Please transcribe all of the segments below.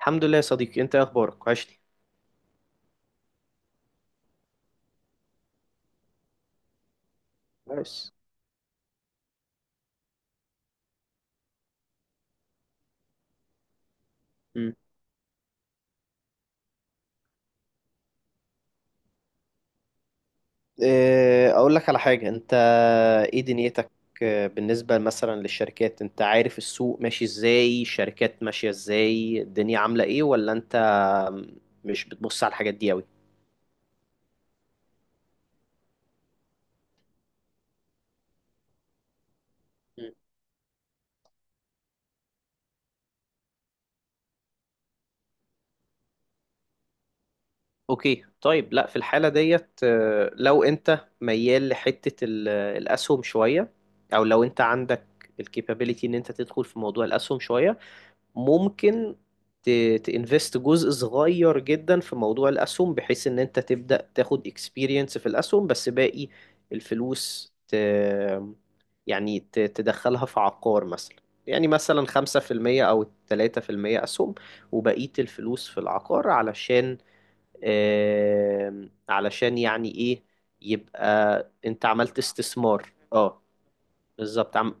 الحمد لله يا صديقي، انت ايه اخبارك؟ وحشني. كويس. مم. إيه، اقول لك على حاجه. انت ايه دنيتك؟ بالنسبه مثلا للشركات، انت عارف السوق ماشي ازاي؟ الشركات ماشيه ازاي؟ الدنيا عامله ايه؟ ولا انت مش بتبص على الحاجات دي قوي؟ مم. اوكي طيب، لا، في الحالة ديت لو انت ميال لحتة الاسهم شوية، او لو انت عندك الكابابيليتي ان انت تدخل في موضوع الاسهم شوية. ممكن تانفست جزء صغير جدا في موضوع الأسهم، بحيث إن أنت تبدأ تاخد اكسبيرينس في الأسهم، بس باقي الفلوس يعني تدخلها في عقار مثلا. يعني مثلا 5% أو 3% أسهم، وبقية الفلوس في العقار علشان، علشان يعني إيه، يبقى أنت عملت استثمار. اه. بالظبط.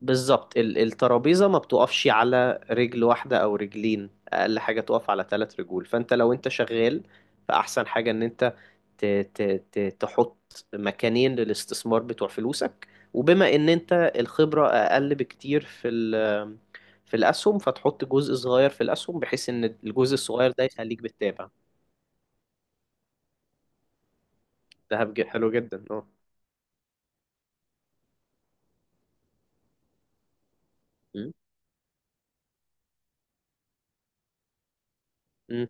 بالظبط، الترابيزة ما بتقفش على رجل واحدة أو رجلين، أقل حاجة تقف على ثلاث رجول. فأنت لو أنت شغال، فأحسن حاجة إن أنت ت ت ت تحط مكانين للاستثمار بتوع فلوسك. وبما إن أنت الخبرة أقل بكتير في في الأسهم، فتحط جزء صغير في الأسهم بحيث إن الجزء الصغير ده يخليك بتتابع. ده حلو جدا، اه. م- م،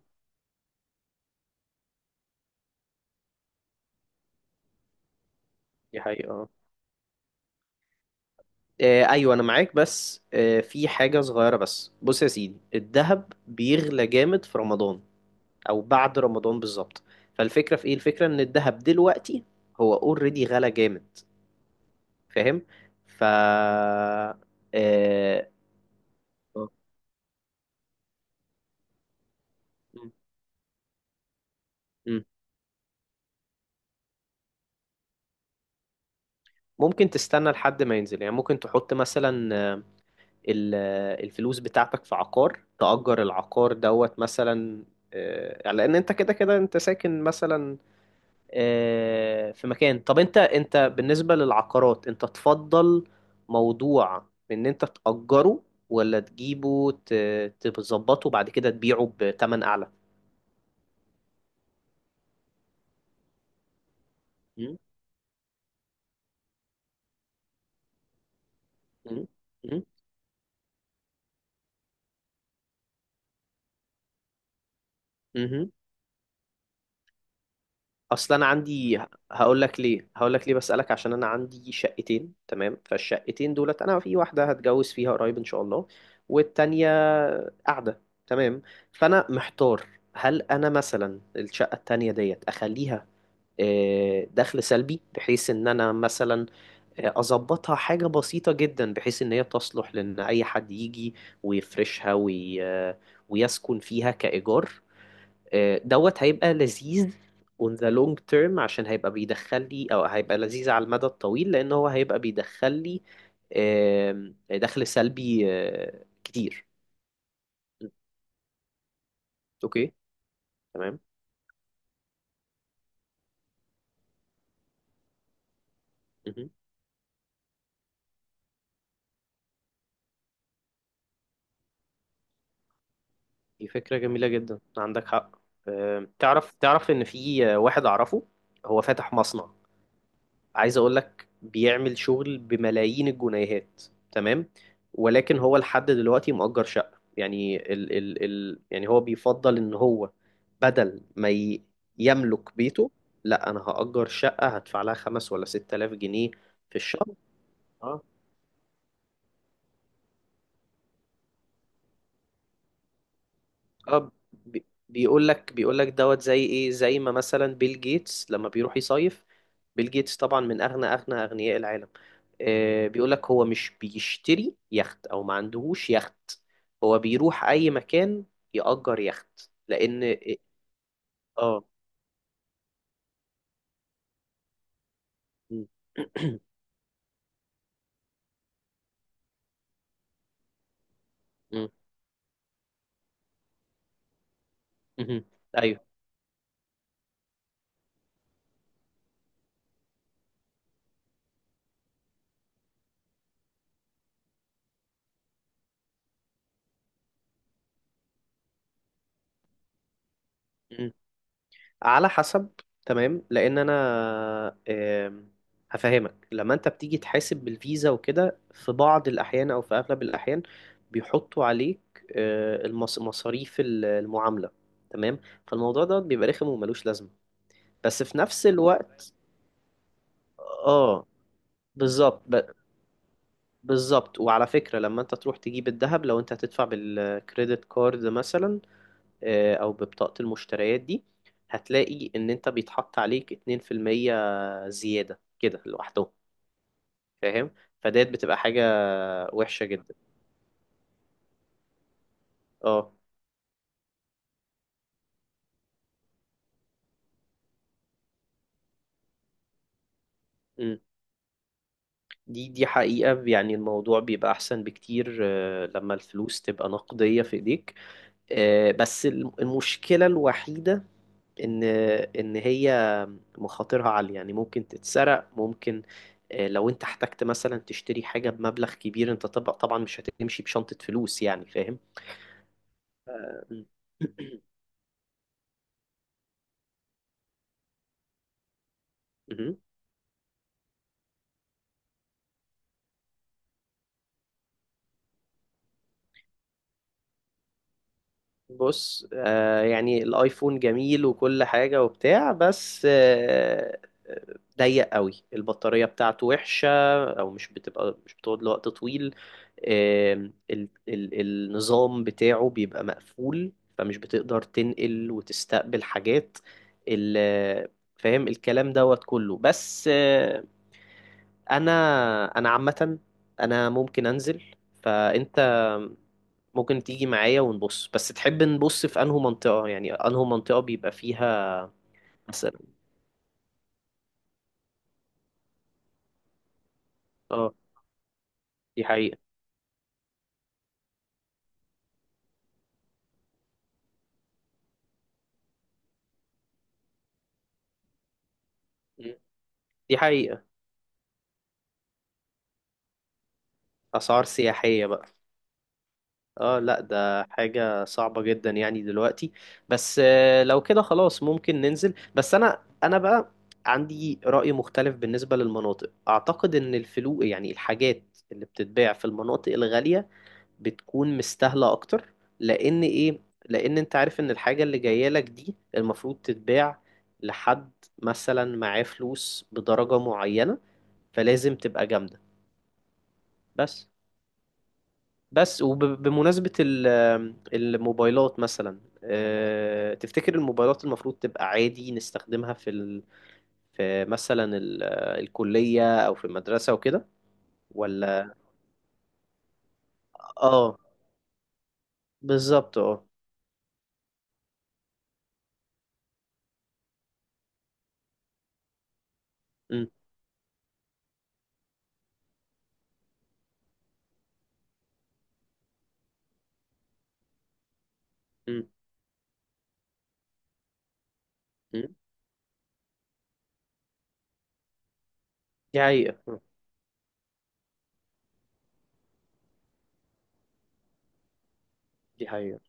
دي حقيقة. ايوه، انا معاك، بس في حاجه صغيره. بس بص يا سيدي، الذهب بيغلى جامد في رمضان او بعد رمضان بالظبط. فالفكره في ايه؟ الفكره ان الذهب دلوقتي هو اوريدي غلى جامد. فاهم؟ ف آه، م- م. ممكن تستنى لحد ما ينزل. يعني ممكن تحط مثلا الفلوس بتاعتك في عقار، تأجر العقار دوت مثلا. لان انت كده كده انت ساكن مثلا في مكان. طب انت بالنسبة للعقارات، انت تفضل موضوع ان انت تأجره، ولا تجيبه تظبطه بعد كده تبيعه بتمن اعلى؟ مم، مم، مم، مم. اصل انا عندي هقول لك ليه بسألك. عشان انا عندي شقتين، تمام؟ فالشقتين دولت، انا في واحدة هتجوز فيها قريب ان شاء الله، والتانية قاعدة، تمام؟ فانا محتار، هل انا مثلا الشقة التانية ديت اخليها دخل سلبي، بحيث ان انا مثلا اظبطها حاجة بسيطة جدا، بحيث ان هي تصلح لان اي حد يجي ويفرشها وي... آه، ويسكن فيها كإيجار. دوت هيبقى لذيذ on the long term عشان هيبقى بيدخل لي، او هيبقى لذيذ على المدى الطويل لان هو هيبقى بيدخل لي دخل سلبي كتير. اوكي. تمام. مهم. دي فكرة جميلة جدا، عندك حق. تعرف ان في واحد اعرفه، هو فاتح مصنع، عايز اقول لك بيعمل شغل بملايين الجنيهات، تمام؟ ولكن هو لحد دلوقتي مؤجر شقة. يعني ال ال ال يعني هو بيفضل ان هو بدل ما يملك بيته، لا، انا هأجر شقة هدفع لها 5,000 ولا 6,000 جنيه في الشهر. اه، بيقول لك دوت زي ايه، زي ما مثلا بيل جيتس لما بيروح يصيف. بيل جيتس طبعا من اغنى اغنى اغنياء العالم. بيقول لك هو مش بيشتري يخت او ما عندهوش يخت، هو بيروح اي مكان يأجر يخت لان اه م. م. مهم. ايوه. على حسب. تمام، لان انا آم، هفهمك. لما انت بتيجي تحاسب بالفيزا وكده، في بعض الاحيان او في اغلب الاحيان بيحطوا عليك مصاريف المعامله، تمام؟ فالموضوع ده بيبقى رخم وملوش لازمه، بس في نفس الوقت. اه. بالظبط ب- بالظبط، وعلى فكره، لما انت تروح تجيب الذهب لو انت هتدفع بالكريدت كارد مثلا او ببطاقه المشتريات دي، هتلاقي ان انت بيتحط عليك 2% زيادة كده لوحدهم. فاهم؟ فديت بتبقى حاجة وحشة جدا. اه. أمم. دي حقيقة، يعني الموضوع بيبقى أحسن بكتير لما الفلوس تبقى نقدية في إيديك. بس المشكلة الوحيدة إن إن هي مخاطرها عالية. يعني ممكن تتسرق، ممكن لو أنت احتجت مثلا تشتري حاجة بمبلغ كبير، أنت طبعا مش هتمشي بشنطة فلوس، يعني فاهم؟ بص، يعني الايفون جميل وكل حاجة وبتاع، بس ضيق قوي، البطارية بتاعته وحشة، او مش بتقعد لوقت طويل. آه ال ال النظام بتاعه بيبقى مقفول، فمش بتقدر تنقل وتستقبل حاجات. ال- فاهم الكلام دوت كله؟ بس انا انا عامة، انا ممكن انزل، فانت ممكن تيجي معايا ونبص. بس تحب نبص في انهو منطقة؟ يعني انهو منطقة بيبقى فيها مثلا؟ اه، دي حقيقة. مم. دي حقيقة. اسعار سياحية بقى. اه. لا، ده حاجة صعبة جدا يعني دلوقتي. بس لو كده خلاص ممكن ننزل. بس انا بقى عندي رأي مختلف بالنسبة للمناطق. اعتقد ان الفلوق، يعني الحاجات اللي بتتباع في المناطق الغالية بتكون مستاهلة أكتر. لأن إيه؟ لأن أنت عارف إن الحاجة اللي جاية لك دي المفروض تتباع لحد مثلا معاه فلوس بدرجة معينة، فلازم تبقى جامدة. بس بس وبمناسبة الموبايلات مثلا، تفتكر الموبايلات المفروض تبقى عادي نستخدمها في مثلا ال... آه، الكلية أو في المدرسة وكده، ولا؟ اه، بالظبط، اه. م- م- م. دي حقيقة دي حقيقة.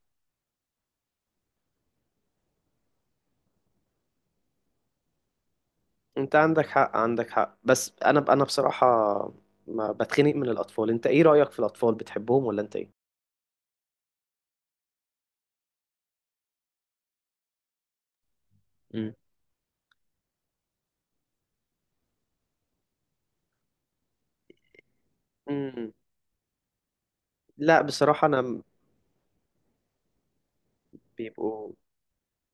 انت عندك حق، عندك حق. بس انا بصراحة ما بتخنق من الاطفال. انت ايه رأيك في الاطفال؟ بتحبهم ولا انت ايه؟ مم. امم لا، بصراحة، انا بيبقوا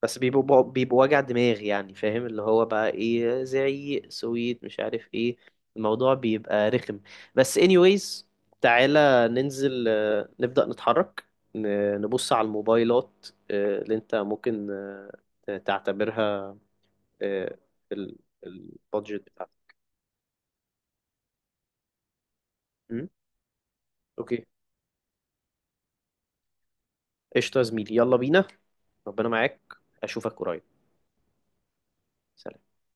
بس بيبقوا وجع دماغ، يعني فاهم، اللي هو بقى ايه، زعيق، سويت، مش عارف ايه. الموضوع بيبقى رخم. بس anyways، تعالى ننزل نبدأ نتحرك. نبص على الموبايلات اللي انت ممكن تعتبرها آه، ال- البادجت بتاعتك. امم. اوكي. قشطة يا زميلي، يلا بينا. ربنا معاك. اشوفك قريب. سلام.